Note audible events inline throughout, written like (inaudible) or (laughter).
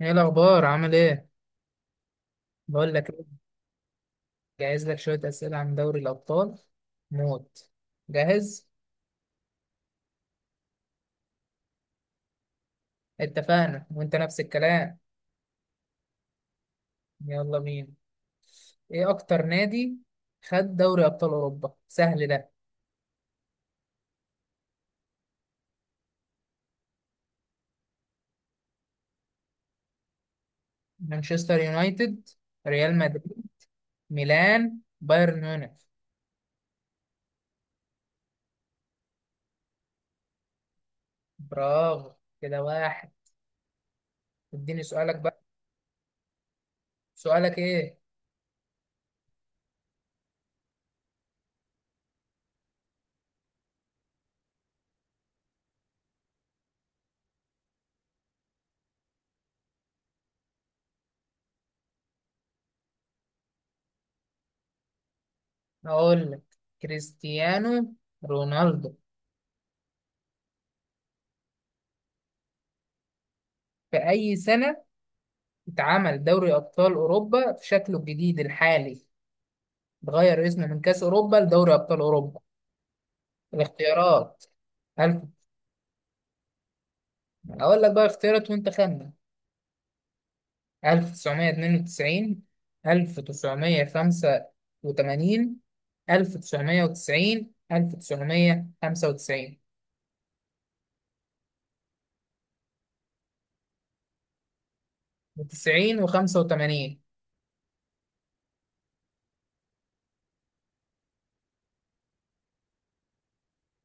ايه الاخبار؟ عامل ايه؟ بقول لك إيه، جهز لك شويه اسئله عن دوري الابطال موت. جاهز. اتفقنا وانت نفس الكلام. يلا بينا. ايه اكتر نادي خد دوري ابطال اوروبا؟ سهل ده. مانشستر يونايتد، ريال مدريد، ميلان، بايرن ميونخ. برافو، كده واحد. اديني سؤالك بقى. سؤالك ايه؟ اقول لك كريستيانو رونالدو. في اي سنه اتعمل دوري أبطال أوروبا في شكله الجديد الحالي، اتغير اسمه من كأس أوروبا لدوري أبطال أوروبا؟ الاختيارات. ألف، أقول لك بقى اختيارات وأنت خمن. 1992، 1985، 1990، 1995. 90 و85،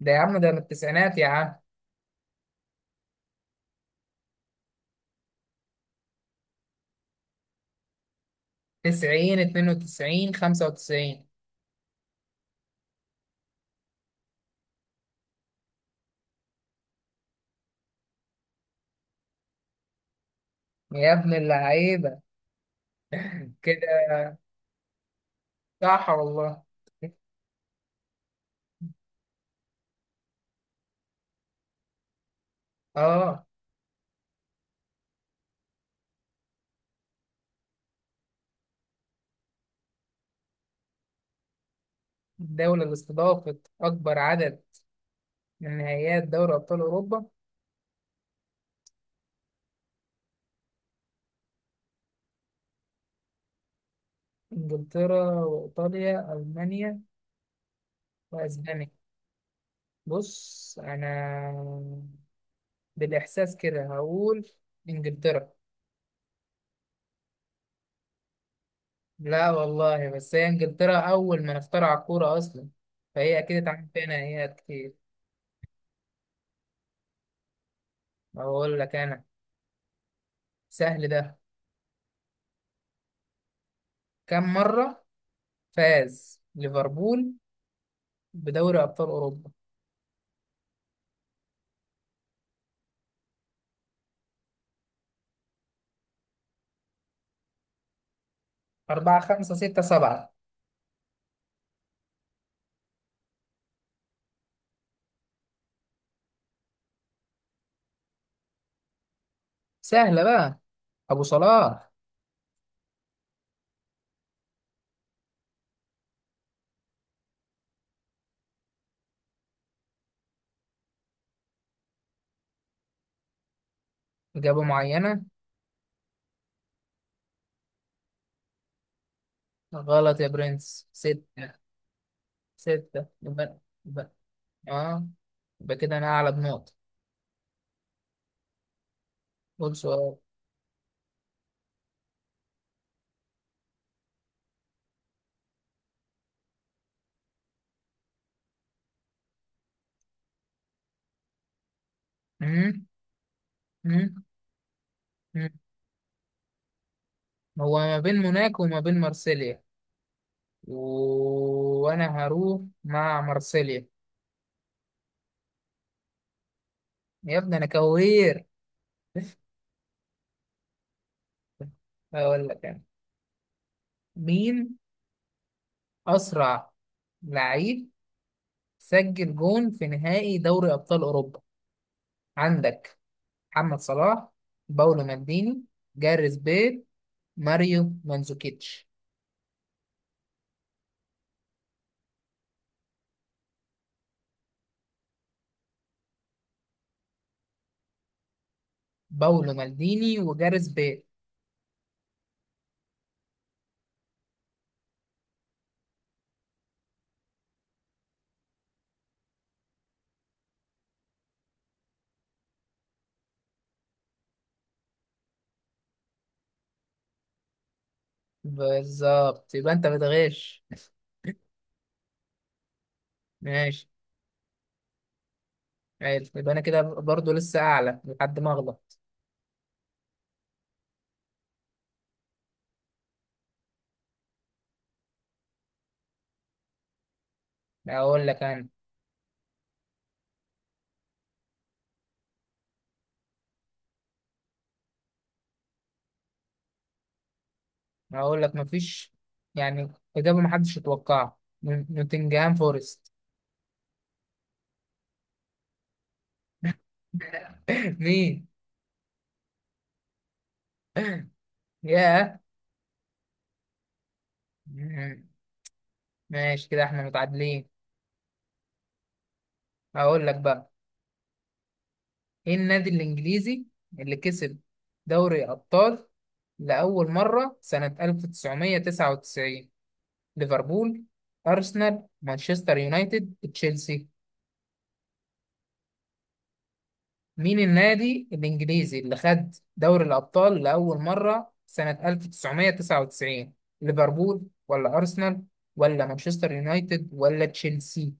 ده يا عم ده من التسعينات يا عم. 90، 92، 95. يا ابن اللعيبة، كده صح والله. اه. الدولة اللي استضافت أكبر عدد من نهائيات دوري أبطال أوروبا، إنجلترا وإيطاليا ألمانيا وأسبانيا. بص أنا بالإحساس كده هقول إنجلترا. لا والله، بس هي إنجلترا أول ما اخترع الكورة أصلا، فهي أكيد اتعمل فيها نهائيات كتير. أقول لك أنا، سهل ده. كم مرة فاز ليفربول بدوري أبطال أوروبا؟ أربعة، خمسة، ستة، سبعة. سهلة بقى، أبو صلاح. إجابة معينة. غلط يا برنس، ستة. ستة يبقى. يبقى اه، يبقى كده أنا أعلى بنقطة. قول سؤال. مم؟ مم؟ مم؟ هو ما بين موناكو وما بين مارسيليا، و... وأنا هروح مع مارسيليا. يا ابني أنا كوير. هقول لك أنا، مين أسرع لعيب سجل جون في نهائي دوري أبطال أوروبا؟ عندك محمد صلاح، باولو مالديني، جاريث بيل، ماريو مانزوكيتش. باولو مالديني وجاريث بيل. بالظبط، يبقى انت بتغش. ماشي. حلو، يبقى انا كده برضو لسه اعلى لحد ما اغلط. اقول لك انا. اقول لك مفيش، يعني اجابه محدش يتوقعها. نوتنجهام فورست. (laughs) مين؟ ياه. مم. ماشي كده احنا متعادلين. اقول لك بقى. ايه النادي الانجليزي اللي كسب دوري ابطال لاول مره سنه 1999؟ ليفربول، أرسنال، مانشستر يونايتد، تشيلسي. مين النادي الإنجليزي اللي خد دوري الأبطال لأول مرة سنة 1999؟ ليفربول ولا أرسنال ولا مانشستر يونايتد ولا تشيلسي.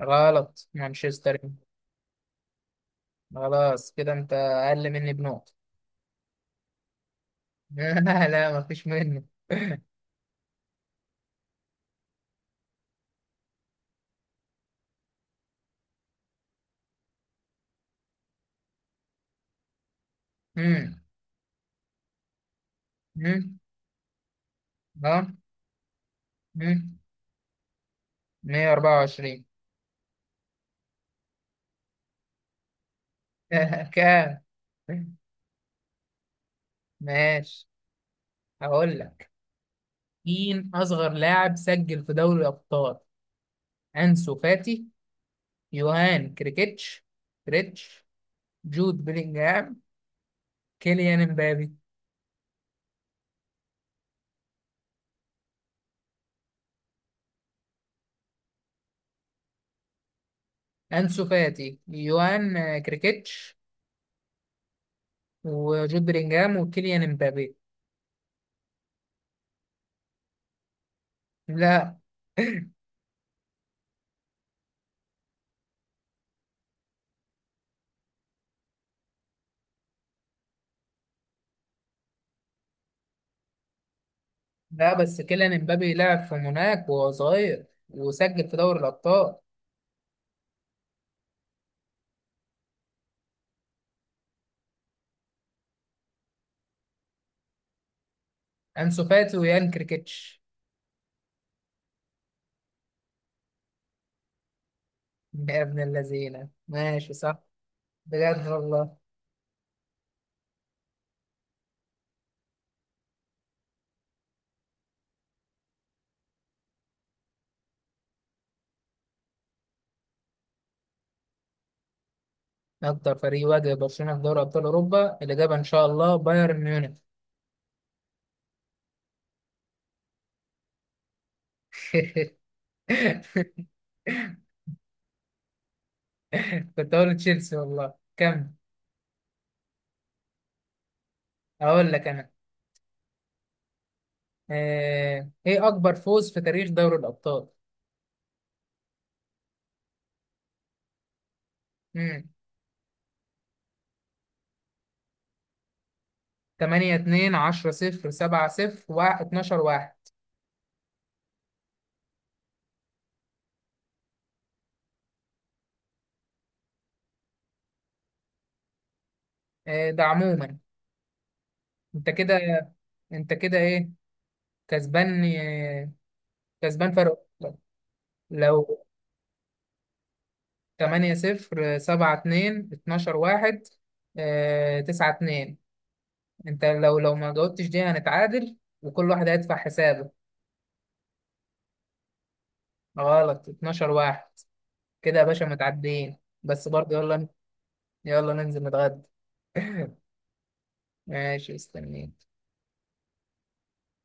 غلط، مانشستر يونايتد. خلاص كده أنت أقل مني بنقطة. (laughs) لا لا مفيش منه. (laughs) مم. مم. اه. مم. 124. (laughs) كام؟ ماشي، هقول لك، مين أصغر لاعب سجل في دوري الأبطال؟ أنسو فاتي، يوهان كريكيتش، كريتش، جود بلينجهام، كيليان امبابي. أنسو فاتي، يوهان كريكيتش، وجود بلينجهام وكيليان امبابي. لا. لا بس كيليان امبابي لعب في موناك وهو صغير وسجل في دوري الأبطال. أنسو فاتي ويوهان كريكيتش. يا ابن اللذينة، ماشي صح. بجد والله. أكتر فريق واجه برشلونة في دوري أبطال أوروبا، الإجابة إن شاء الله بايرن ميونخ. (laughs) كنت هقول تشيلسي والله. كمل. أقول لك أنا، إيه أكبر فوز في تاريخ دوري الأبطال؟ مم. 8-2، 10-0، 7-0، 12-1. ده عموما. أنت كده أنت كده إيه، كسبان كسبان فرق. لو 8-0، 7-2، 12-1، 9-2. انت لو ما جاوبتش دي هنتعادل وكل واحد هيدفع حسابه. غلط، 12 واحد. كده يا باشا متعدين. بس برضه يلا. يلا ننزل نتغدى. (laughs) ماشي مستنيك.